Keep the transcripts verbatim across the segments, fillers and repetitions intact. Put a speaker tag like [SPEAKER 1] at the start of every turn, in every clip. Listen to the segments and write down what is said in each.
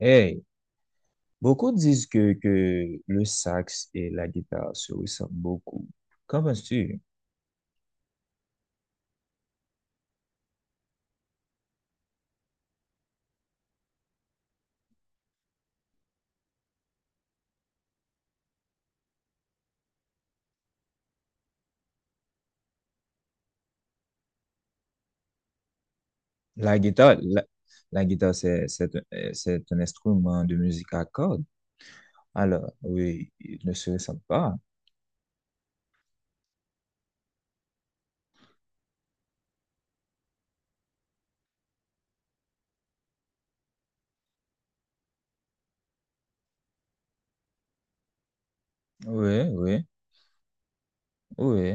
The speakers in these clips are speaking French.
[SPEAKER 1] Hey, beaucoup disent que, que le sax et la guitare se ressemblent beaucoup. Qu'en penses-tu? La guitare, la, la guitare, c'est, c'est, un euh, c'est un instrument de musique à cordes. Alors oui, ils ne se ressemblent pas. Oui, oui, oui.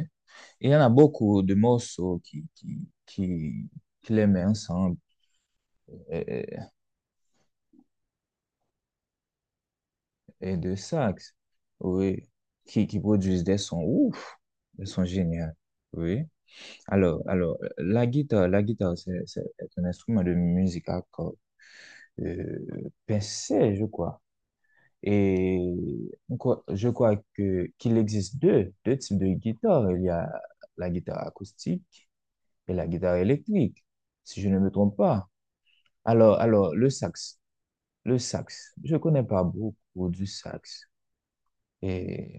[SPEAKER 1] Il y en a beaucoup de morceaux qui, qui, qui, qui les mettent ensemble et, et de sax, oui, qui, qui produisent des sons ouf, des sons géniaux. Oui. Alors, alors, la guitare, la guitare, c'est, c'est est un instrument de musique à cordes, euh, pincée, je crois. Et quoi- je crois que qu'il existe deux, deux types de guitares. Il y a la guitare acoustique et la guitare électrique, si je ne me trompe pas. Alors, alors, le sax, le sax, je connais pas beaucoup du sax. Et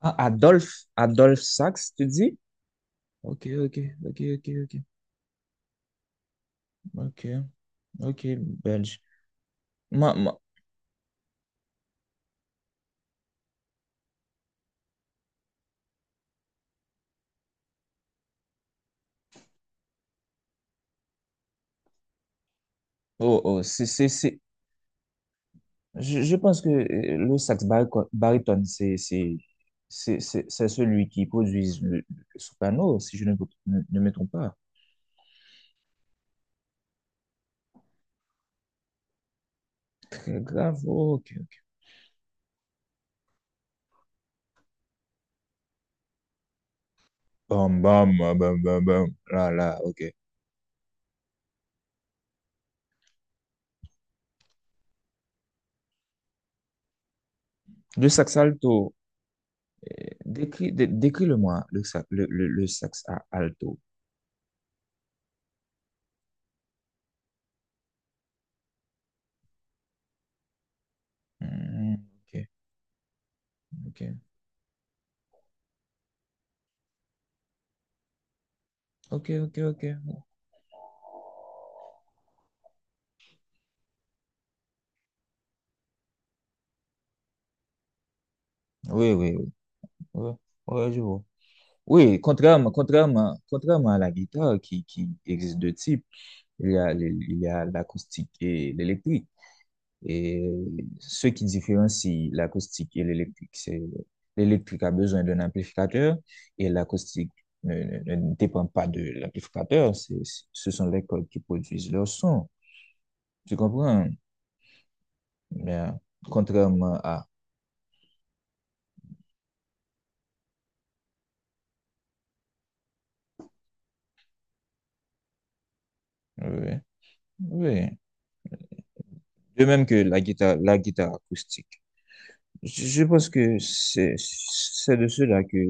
[SPEAKER 1] ah, Adolphe, Adolphe Sax, tu dis? Ok, ok, ok, ok, ok, ok. Ok. Moi, moi- oh, oh, c'est, c'est, c'est- je, je pense que euh, le sax barico- baryton, c'est, c'est, c'est, c'est c'est celui qui produit le, le soprano, si je ne, ne, ne me trompe pas. Très grave, oh, ok, ok. Bam, bam, bam, bam, bam, bam. Là, là, ok. Le sax alto, euh, décris, dé- décris-le-moi, le, sax- le, le, le sax a- alto. Hmm, ok, ok, ok, ok, ok. Oui, oui, oui, oui, oui, je vois. Oui, contrairement, contrairement, contrairement à la guitare qui, qui existe deux types, il y a, le- il y a l'acoustique et l'électrique. Et ce qui différencie l'acoustique et l'électrique, c'est l'électrique a besoin d'un amplificateur et l'acoustique ne, ne- ne dépend pas de l'amplificateur. C'est- c'est- Ce sont les cordes qui produisent leur son. Tu comprends? Mais contrairement à… Oui, oui. De même que la guitare, la guitare acoustique. Je je pense que c'est c'est de cela que,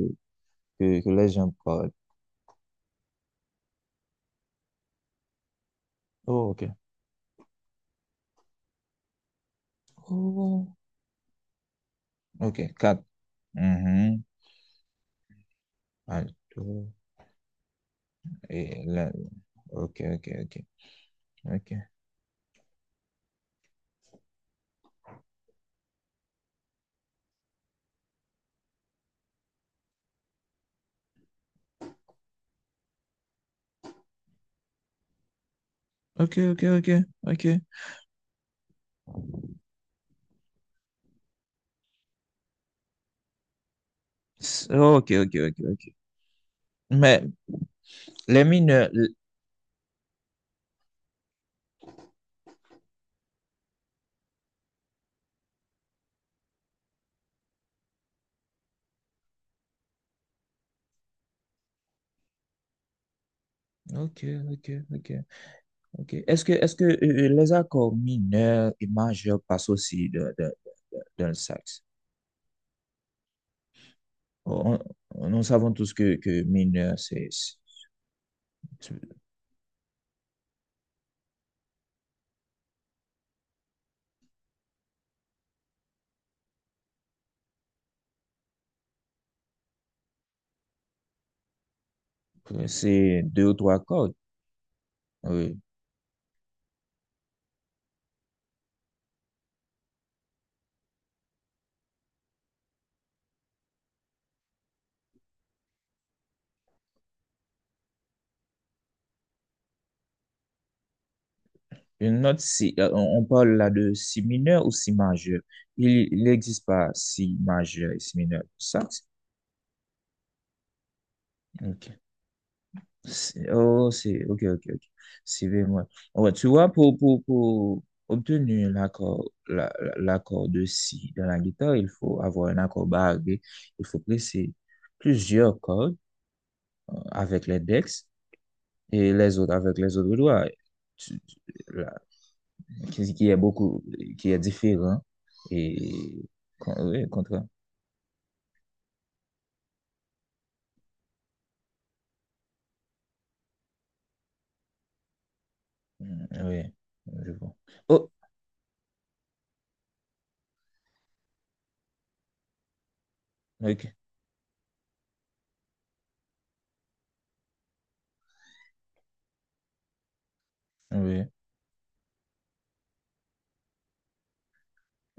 [SPEAKER 1] que, que les gens parlent. Oh, ok. Oh, ok, quatre. Mhm. Alto. Et là, ok, ok, ok, ok, ok, ok, ok, ok. S- ok, ok, ok, ok. Mais les mineurs, l- ok, ok, ok, ok. Est-ce que, est-ce que euh, euh, les accords mineurs et majeurs passent aussi de, de- de- dans le sax? On- on- nous savons tous que, que mineur, c'est C'est deux ou trois cordes. Oui. Une note, si, euh, on on parle là de si mineur ou si majeur. Il il n'existe pas si majeur et si mineur. Ça, c'est- ok. C'est- Oh, c'est, ok, ok, ok. C'est vraiment. Ouais, tu vois, pour, pour, pour obtenir l'accord, la- la- l'accord de si dans la guitare, il faut avoir un accord barré. Il faut presser plusieurs cordes euh, avec l'index et les autres avec les autres doigts. Tu- tu- la- qui, qui est beaucoup, qui est différent. Et con- oui, contre. Oui, je vois. Oh, ok. Oui,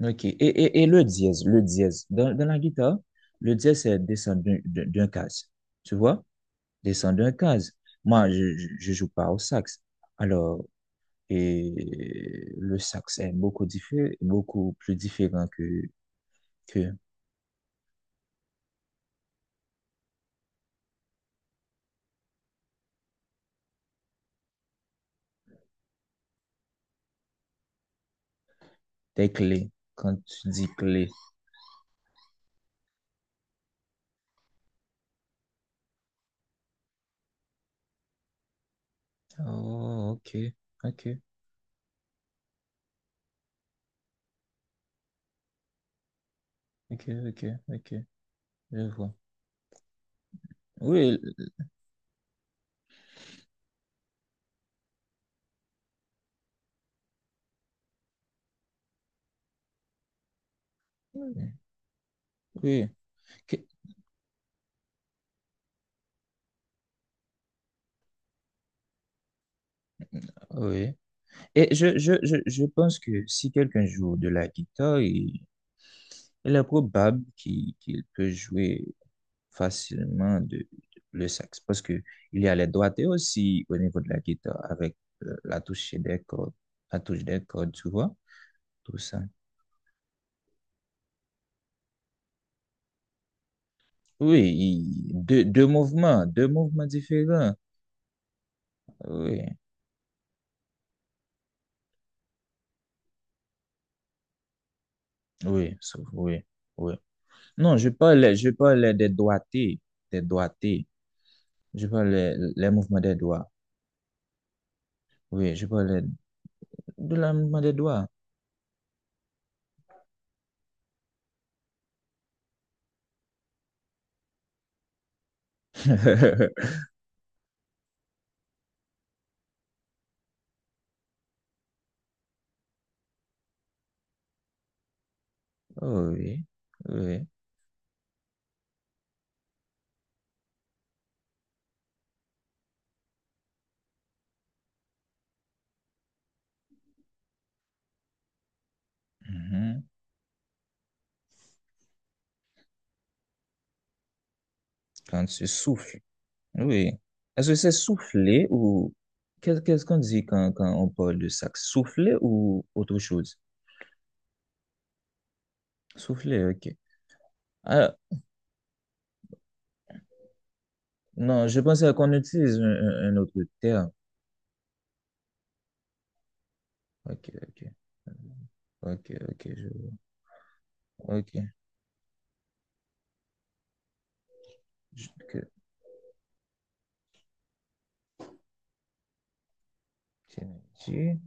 [SPEAKER 1] ok. Et, et, et le dièse, le dièse. Dans, dans la guitare, le dièse, c'est descendre d'un d'un- d'un case. Tu vois? Descendre d'un case. Moi, je, je, je joue pas au sax. Alors, et le sax est beaucoup différent, beaucoup plus différent que, que tes clés. Quand tu dis clé. Oh, ok. Ok. Ok, ok, ok. Je vois. Oui, oui, oui. que- oui. Et je, je, je, je pense que si quelqu'un joue de la guitare, il, il est probable qu'il qu'il peut jouer facilement de, de- le sax parce que il y a les doigtés aussi au niveau de la guitare avec euh, la touche des cordes, la touche des cordes, tu vois, tout ça. Oui, il- deux, deux mouvements, deux mouvements différents. Oui, oui, sauf- oui, oui. Non, je parlais, je parlais des doigtés, des doigtés. Je parle les, les mouvements des doigts. Oui, je parle de la mouvement des doigts. Oh oui, oui. Mhm. Quand tu souffles. Oui. Est-ce que c'est souffler ou qu'est- qu'est-ce qu'on dit quand, quand on parle de ça? Souffler ou autre chose? Souffler, ok. Alors, non, je pensais qu'on utilise un, un- un autre terme. Ok, ok. Ok, ok, je vois. Ok. Je, que- tiens, ici.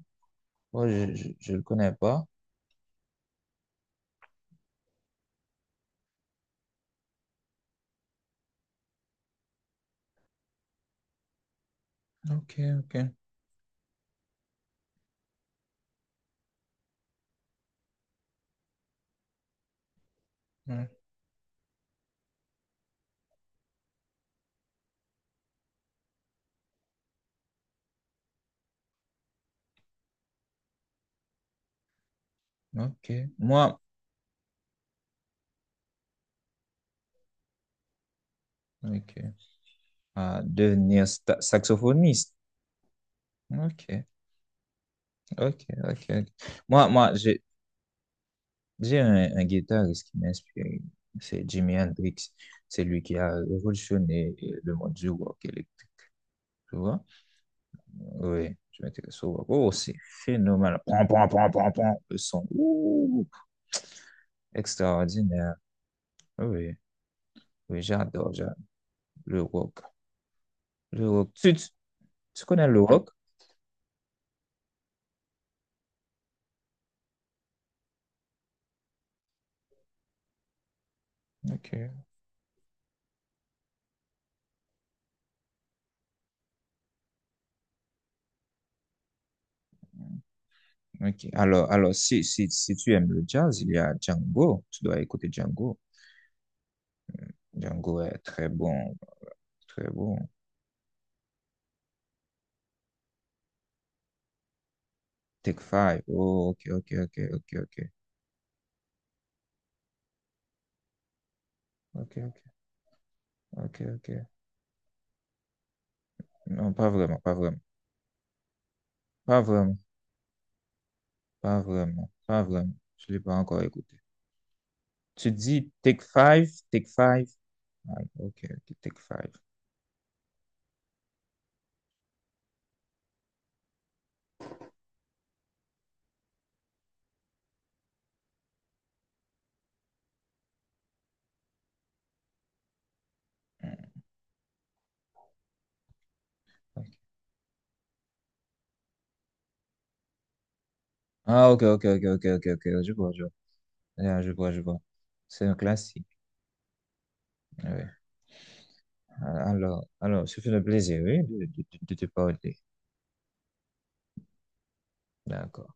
[SPEAKER 1] Moi, je, je, je le connais pas. Ok, ok. Ouais. Ok. Moi, ok. Ah, devenir sta- saxophoniste. Ok. Ok. Ok. Ok. Moi, moi, j'ai, j'ai un, un guitariste qui m'inspire. C'est Jimi Hendrix. C'est lui qui a révolutionné le monde du rock électrique. Tu vois? Oui, je m'intéresse au rock. Oh, c'est phénoménal. Pon, pon, pon, pon, pon. Le son. Ouh, extraordinaire. Oui. Oui, j'adore, j'adore le rock. Le rock. Tu, tu tu connais le rock? Ok. Ok. Alors, alors si, si, si tu aimes le jazz, il y a Django. Tu dois écouter Django. Django est très bon, très bon. Take Five. Oh, ok, ok, ok, ok, ok. Ok, ok, ok, ok. Non, pas vraiment, pas vraiment. Pas vraiment, pas vraiment, pas vraiment. Je ne l'ai pas encore écouté. Tu dis Take Five, Take Five. Ah, ok, ok, Take Five. Hmm, ok. Ah, ok, ok, ok, ok, ok, ok. Je vois, je vois. Ah, je vois, je vois. C'est un classique. Ouais. Alors, alors, ce fut un plaisir, oui, de, de, de- de te parler. D'accord.